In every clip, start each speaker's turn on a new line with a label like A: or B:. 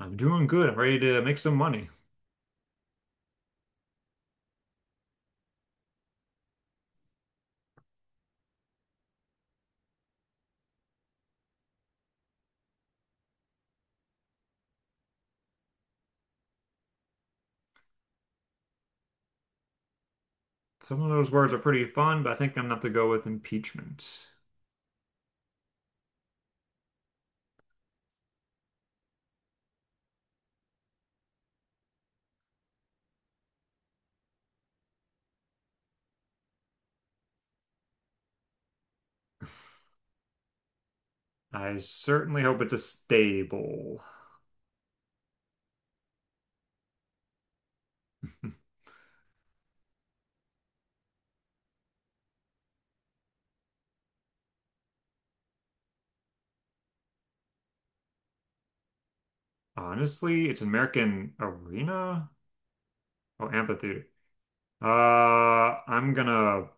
A: I'm doing good. I'm ready to make some money. Some of those words are pretty fun, but I think I'm gonna have to go with impeachment. I certainly hope it's a stable. Honestly, it's an American arena? Oh, amphitheater. I'm gonna.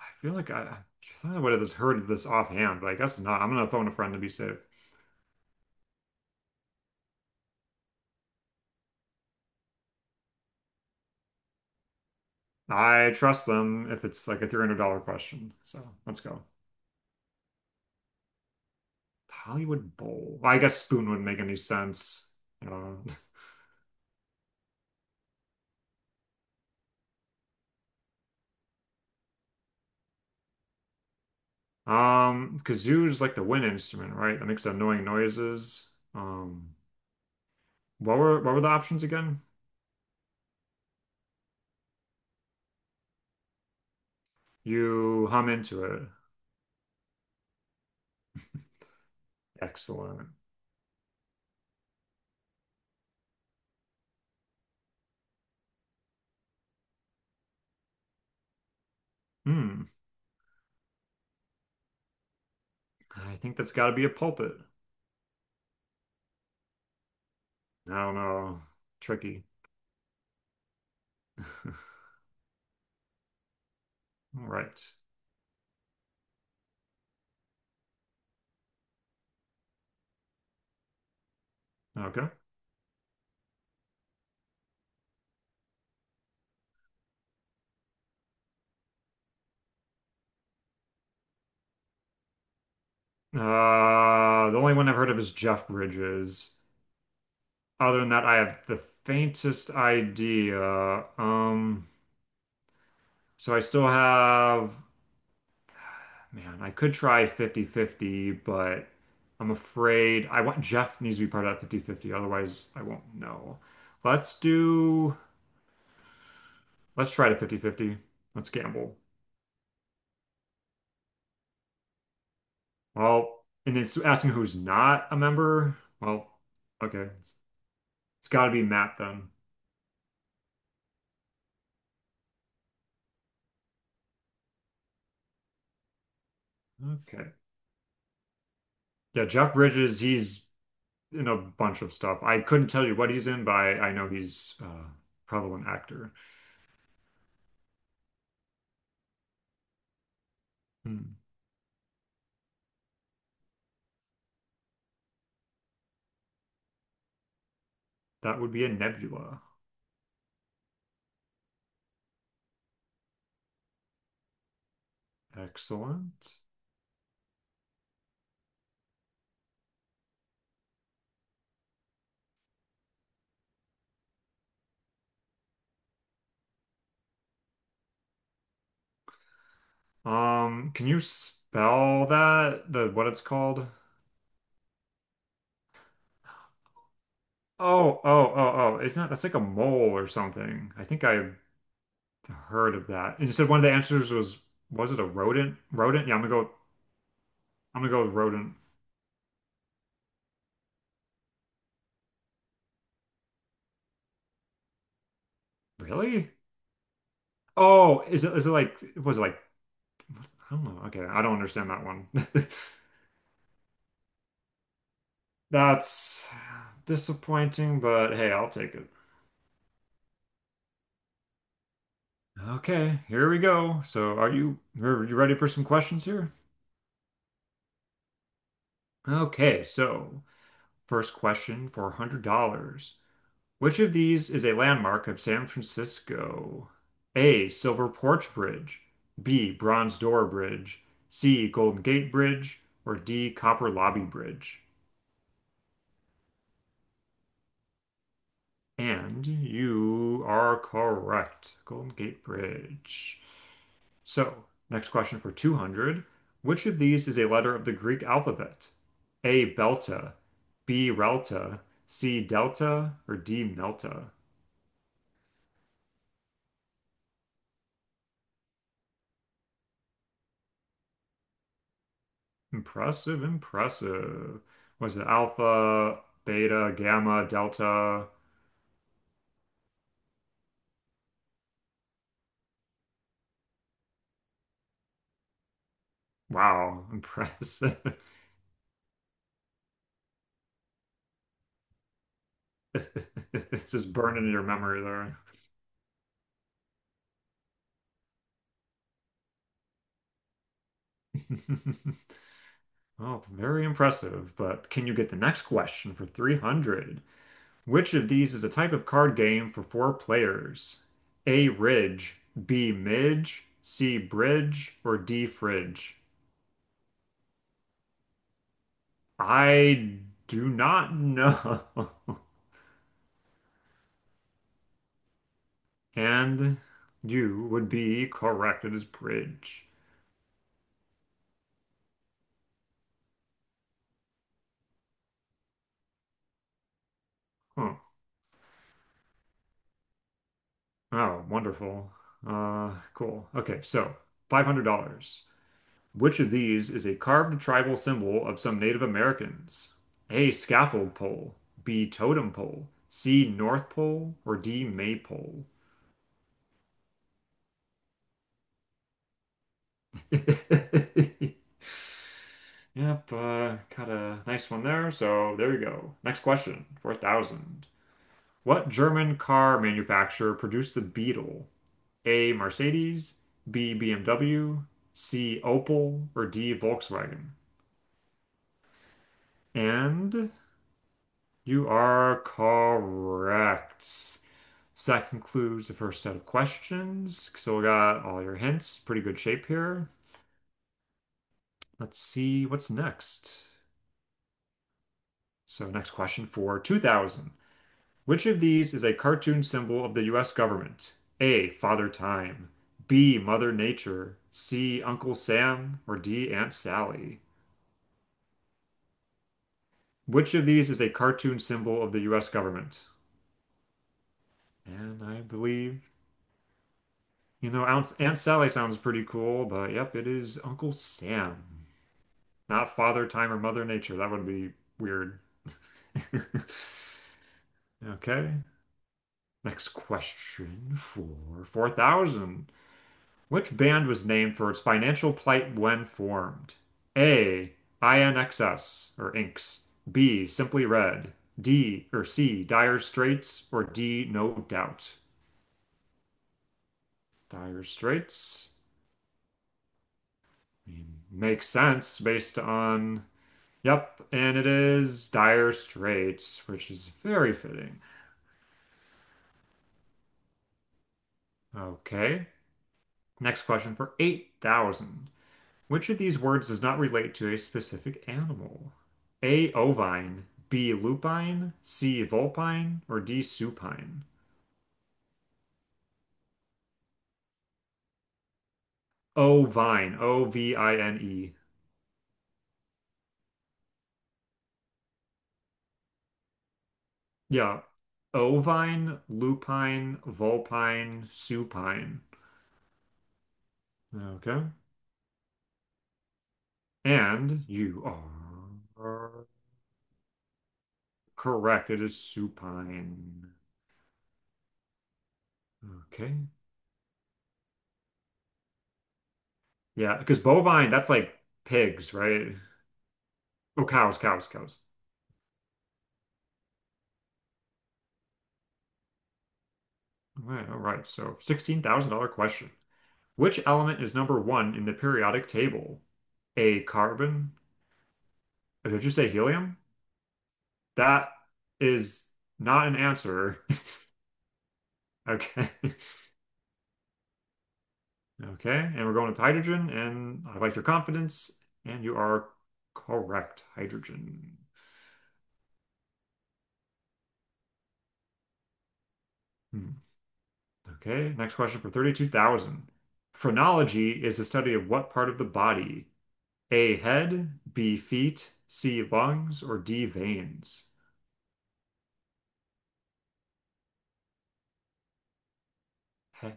A: I feel like I thought I would have just heard of this offhand, but I guess not. I'm gonna phone a friend to be safe. I trust them if it's like a $300 question. So let's go. Hollywood Bowl. Well, I guess spoon wouldn't make any sense. You know. Kazoo's like the wind instrument, right? That makes annoying noises. Um, what were the options again? You hum into it. Excellent. Hmm. I think that's got to be a pulpit. I don't know. Tricky. All right. Okay. The only one I've heard of is Jeff Bridges. Other than that, I have the faintest idea. Um, so I still have. Man, I could try fifty-fifty, but I'm afraid I want Jeff needs to be part of that fifty-fifty. Otherwise I won't know. Let's do let's try to 50/50. Let's gamble. Well, and it's asking who's not a member. Well, okay. It's got to be Matt then. Okay. Yeah, Jeff Bridges, he's in a bunch of stuff. I couldn't tell you what he's in, but I know he's probably an actor. Hmm. That would be a nebula. Excellent. Can you spell that? The what it's called? Oh, oh, oh, oh. It's not, that's like a mole or something. I think I heard of that. And you said one of the answers was it a rodent? Rodent? Yeah, I'm gonna go with rodent. Really? Oh, is it like, I don't know. Okay, I don't understand that one. That's disappointing, but hey, I'll take it. Okay, here we go. So, are you ready for some questions here? Okay, so first question for $100. Which of these is a landmark of San Francisco? A. Silver Porch Bridge. B. Bronze Door Bridge. C. Golden Gate Bridge. Or D. Copper Lobby Bridge. And you are correct. Golden Gate Bridge. So, next question for 200. Which of these is a letter of the Greek alphabet? A. Belta. B. Relta. C. Delta. Or D. Melta? Impressive, impressive. Was it alpha, beta, gamma, delta? Wow, impressive. Just burned into your memory there. Oh, very impressive. But can you get the next question for 300? Which of these is a type of card game for four players? A Ridge, B Midge, C Bridge, or D Fridge? I do not know. And you would be correct. It is bridge. Huh. Oh, wonderful. Cool. Okay, so $500. Which of these is a carved tribal symbol of some Native Americans? A. Scaffold pole. B. Totem pole. C. North pole. Or D. Maypole. Yep, got a nice one there. So there you go. Next question, 4,000. What German car manufacturer produced the Beetle? A. Mercedes, B. BMW, C. Opel, or D. Volkswagen. And you are correct. So that concludes the first set of questions. So we got all your hints. Pretty good shape here. Let's see what's next. So, next question for 2000. Which of these is a cartoon symbol of the US government? A. Father Time, B. Mother Nature, C. Uncle Sam, or D. Aunt Sally? Which of these is a cartoon symbol of the US government? And I believe, Aunt Sally sounds pretty cool, but yep, it is Uncle Sam. Not Father Time or Mother Nature. That would be weird. Okay. Next question for 4,000. Which band was named for its financial plight when formed? A. INXS or Inks. B. Simply Red. D or C. Dire Straits or D. No Doubt. Dire Straits. I mean, makes sense based on. Yep, and it is Dire Straits, which is very fitting. Okay. Next question for 8,000. Which of these words does not relate to a specific animal? A. Ovine, B. Lupine, C. Vulpine, or D. Supine? Ovine, O V I N E. Yeah, ovine, lupine, vulpine, supine. Okay. And you are correct. It is supine. Okay. Yeah, because bovine, that's like pigs, right? Oh, cows, cows, cows. All right, all right. So $16,000 question. Which element is number one in the periodic table? A carbon? Oh, did you say helium? That is not an answer. Okay. Okay. And we're going with hydrogen, and I like your confidence, and you are correct. Hydrogen. Hmm. Okay, next question for 32,000. Phrenology is the study of what part of the body? A, head, B, feet, C, lungs, or D, veins? He-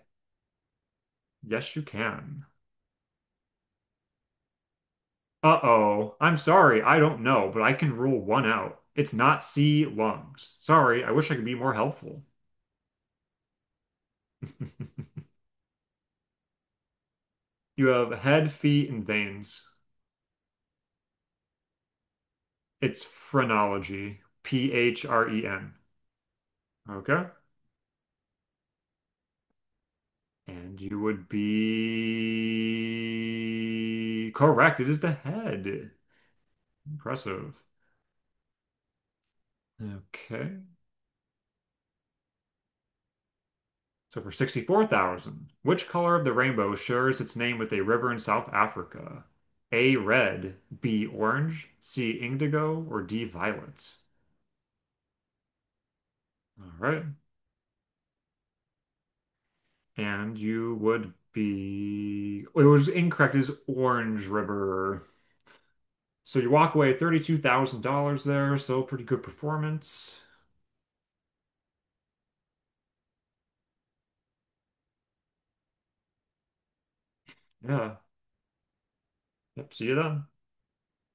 A: yes, you can. Uh-oh, I'm sorry, I don't know, but I can rule one out. It's not C, lungs. Sorry, I wish I could be more helpful. You have head, feet, and veins. It's phrenology. P-H-R-E-N. Okay. And you would be correct. It is the head. Impressive. Okay. So for 64,000, which color of the rainbow shares its name with a river in South Africa? A red, B orange, C indigo, or D violet? All right. And you would be. It was incorrect. It is Orange River. So you walk away $32,000 there. So pretty good performance. Yeah. Yep. See you then.